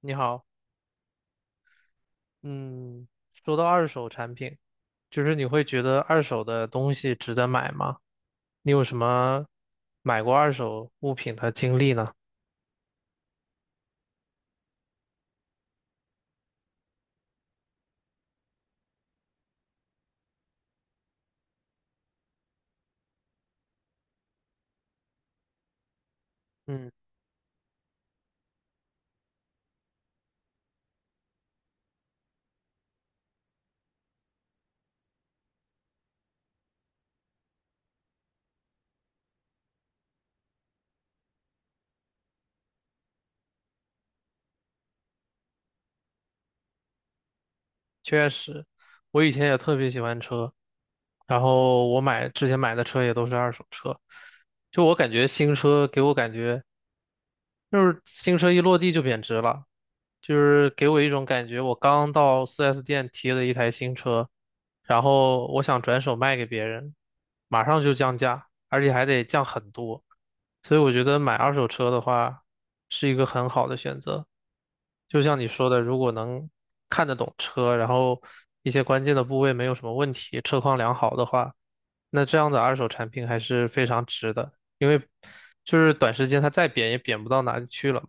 你好，嗯，说到二手产品，就是你会觉得二手的东西值得买吗？你有什么买过二手物品的经历呢？嗯，确实，我以前也特别喜欢车，然后我买之前买的车也都是二手车，就我感觉新车给我感觉。就是新车一落地就贬值了，就是给我一种感觉，我刚到 4S 店提了一台新车，然后我想转手卖给别人，马上就降价，而且还得降很多，所以我觉得买二手车的话是一个很好的选择。就像你说的，如果能看得懂车，然后一些关键的部位没有什么问题，车况良好的话，那这样的二手产品还是非常值的，因为就是短时间它再贬也贬不到哪里去了。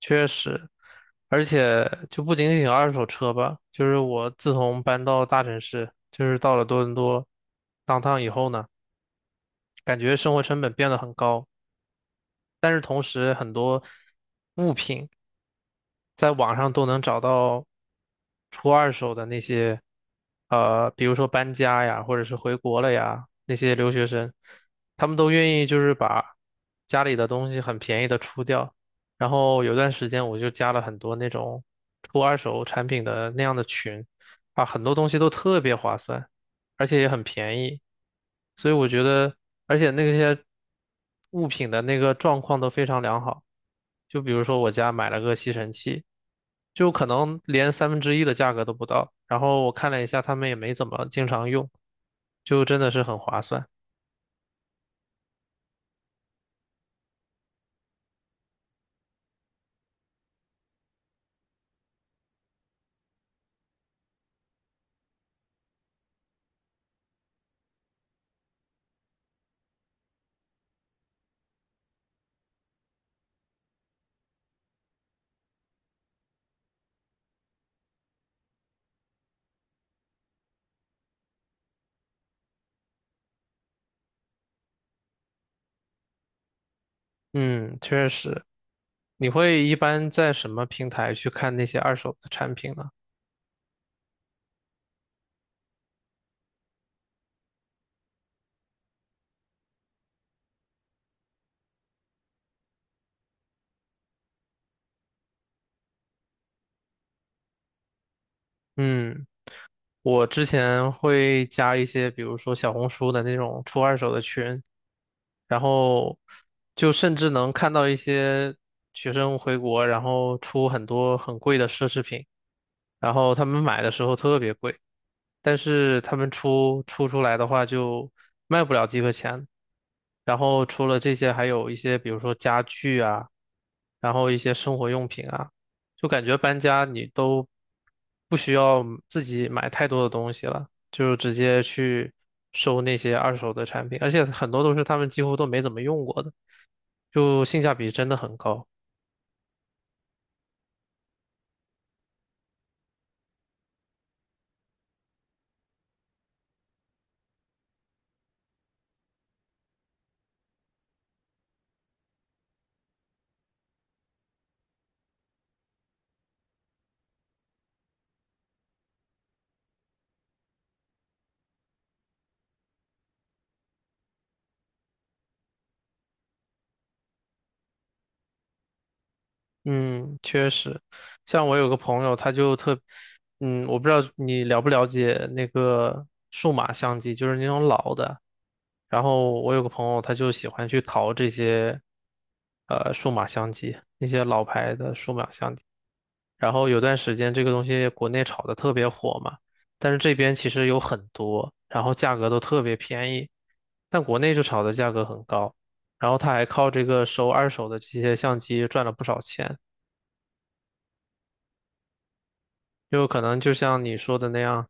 确实，而且就不仅仅二手车吧，就是我自从搬到大城市，就是到了多伦多当 o 以后呢，感觉生活成本变得很高，但是同时很多物品，在网上都能找到出二手的那些，比如说搬家呀，或者是回国了呀，那些留学生，他们都愿意就是把家里的东西很便宜的出掉。然后有段时间我就加了很多那种出二手产品的那样的群，啊，很多东西都特别划算。而且也很便宜，所以我觉得，而且那些物品的那个状况都非常良好。就比如说我家买了个吸尘器，就可能连三分之一的价格都不到，然后我看了一下，他们也没怎么经常用，就真的是很划算。嗯，确实。你会一般在什么平台去看那些二手的产品呢？嗯，我之前会加一些，比如说小红书的那种出二手的群，然后就甚至能看到一些学生回国，然后出很多很贵的奢侈品，然后他们买的时候特别贵，但是他们出来的话就卖不了几个钱。然后除了这些，还有一些比如说家具啊，然后一些生活用品啊，就感觉搬家你都不需要自己买太多的东西了。就直接去收那些二手的产品，而且很多都是他们几乎都没怎么用过的，就性价比真的很高。嗯，确实，像我有个朋友，他就特，我不知道你了不了解那个数码相机，就是那种老的。然后我有个朋友，他就喜欢去淘这些，数码相机，那些老牌的数码相机。然后有段时间这个东西国内炒的特别火嘛，但是这边其实有很多，然后价格都特别便宜，但国内就炒的价格很高，然后他还靠这个收二手的这些相机赚了不少钱，就可能就像你说的那样，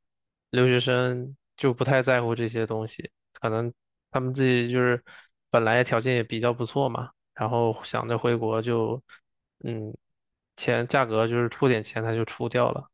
留学生就不太在乎这些东西，可能他们自己就是本来条件也比较不错嘛，然后想着回国就，嗯，钱价格就是出点钱他就出掉了，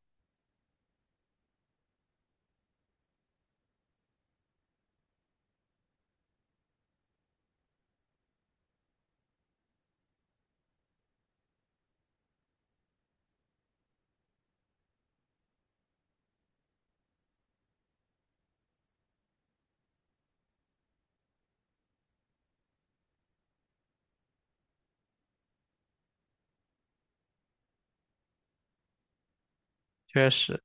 确实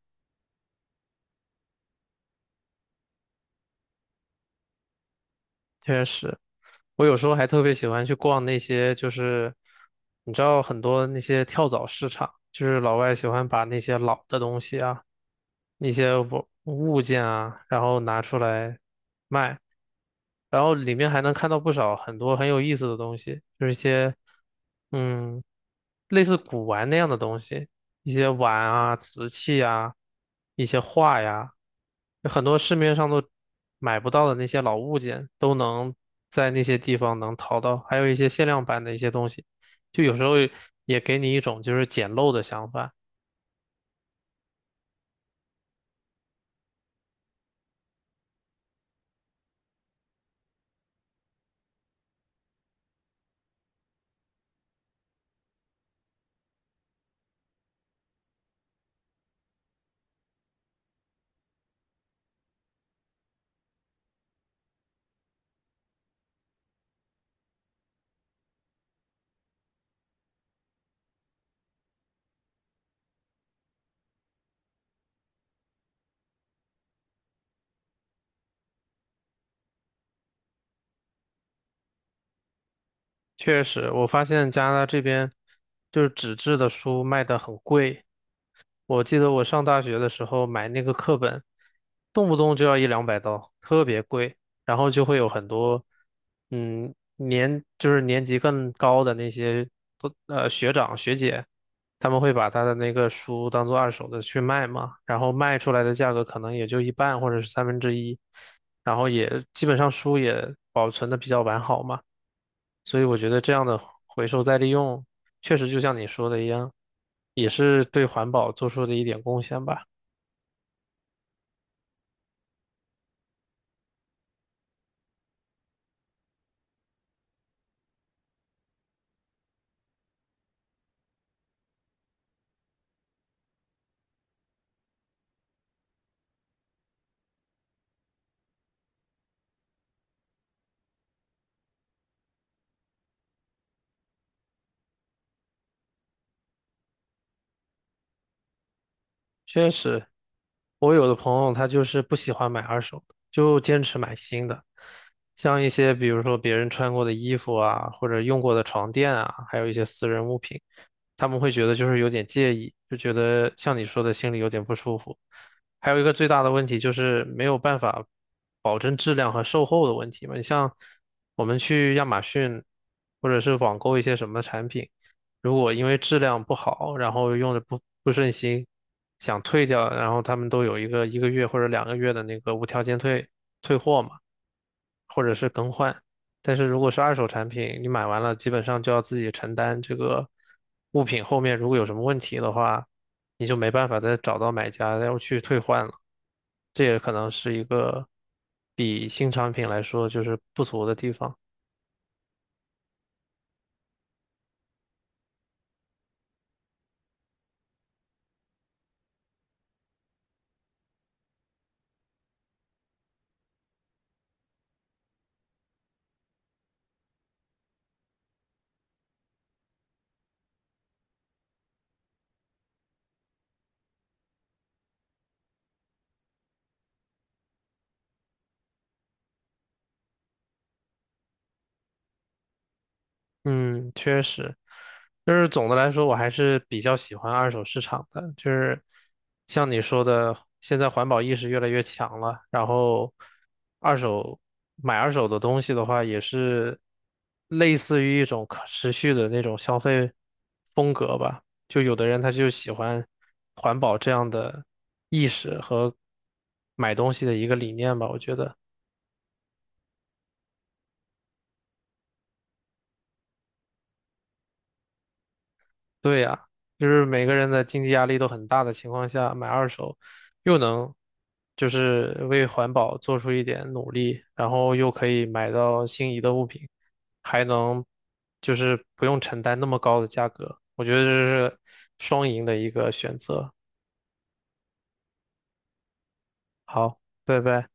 确实。我有时候还特别喜欢去逛那些，就是你知道很多那些跳蚤市场，就是老外喜欢把那些老的东西啊，一些物件啊，然后拿出来卖，然后里面还能看到不少很多很有意思的东西，就是一些嗯类似古玩那样的东西，一些碗啊、瓷器啊、一些画呀，有很多市面上都买不到的那些老物件都能在那些地方能淘到，还有一些限量版的一些东西，就有时候也给你一种就是捡漏的想法。确实，我发现加拿大这边就是纸质的书卖的很贵。我记得我上大学的时候买那个课本，动不动就要一两百刀，特别贵。然后就会有很多，嗯，年就是年级更高的那些都学长学姐，他们会把他的那个书当做二手的去卖嘛，然后卖出来的价格可能也就一半或者是三分之一，然后也基本上书也保存的比较完好嘛。所以我觉得这样的回收再利用，确实就像你说的一样，也是对环保做出的一点贡献吧。确实，我有的朋友他就是不喜欢买二手的，就坚持买新的，像一些比如说别人穿过的衣服啊，或者用过的床垫啊，还有一些私人物品。他们会觉得就是有点介意，就觉得像你说的心里有点不舒服。还有一个最大的问题就是没有办法保证质量和售后的问题嘛。你像我们去亚马逊或者是网购一些什么产品，如果因为质量不好，然后用的不顺心，想退掉，然后他们都有一个一个月或者两个月的那个无条件退货嘛，或者是更换。但是如果是二手产品，你买完了基本上就要自己承担这个物品后面如果有什么问题的话，你就没办法再找到买家要去退换了。这也可能是一个比新产品来说就是不足的地方。嗯，确实，就是总的来说，我还是比较喜欢二手市场的。就是像你说的，现在环保意识越来越强了，然后二手买二手的东西的话，也是类似于一种可持续的那种消费风格吧。就有的人他就喜欢环保这样的意识和买东西的一个理念吧，我觉得。对呀，就是每个人的经济压力都很大的情况下，买二手又能就是为环保做出一点努力，然后又可以买到心仪的物品，还能就是不用承担那么高的价格，我觉得这是双赢的一个选择。好，拜拜。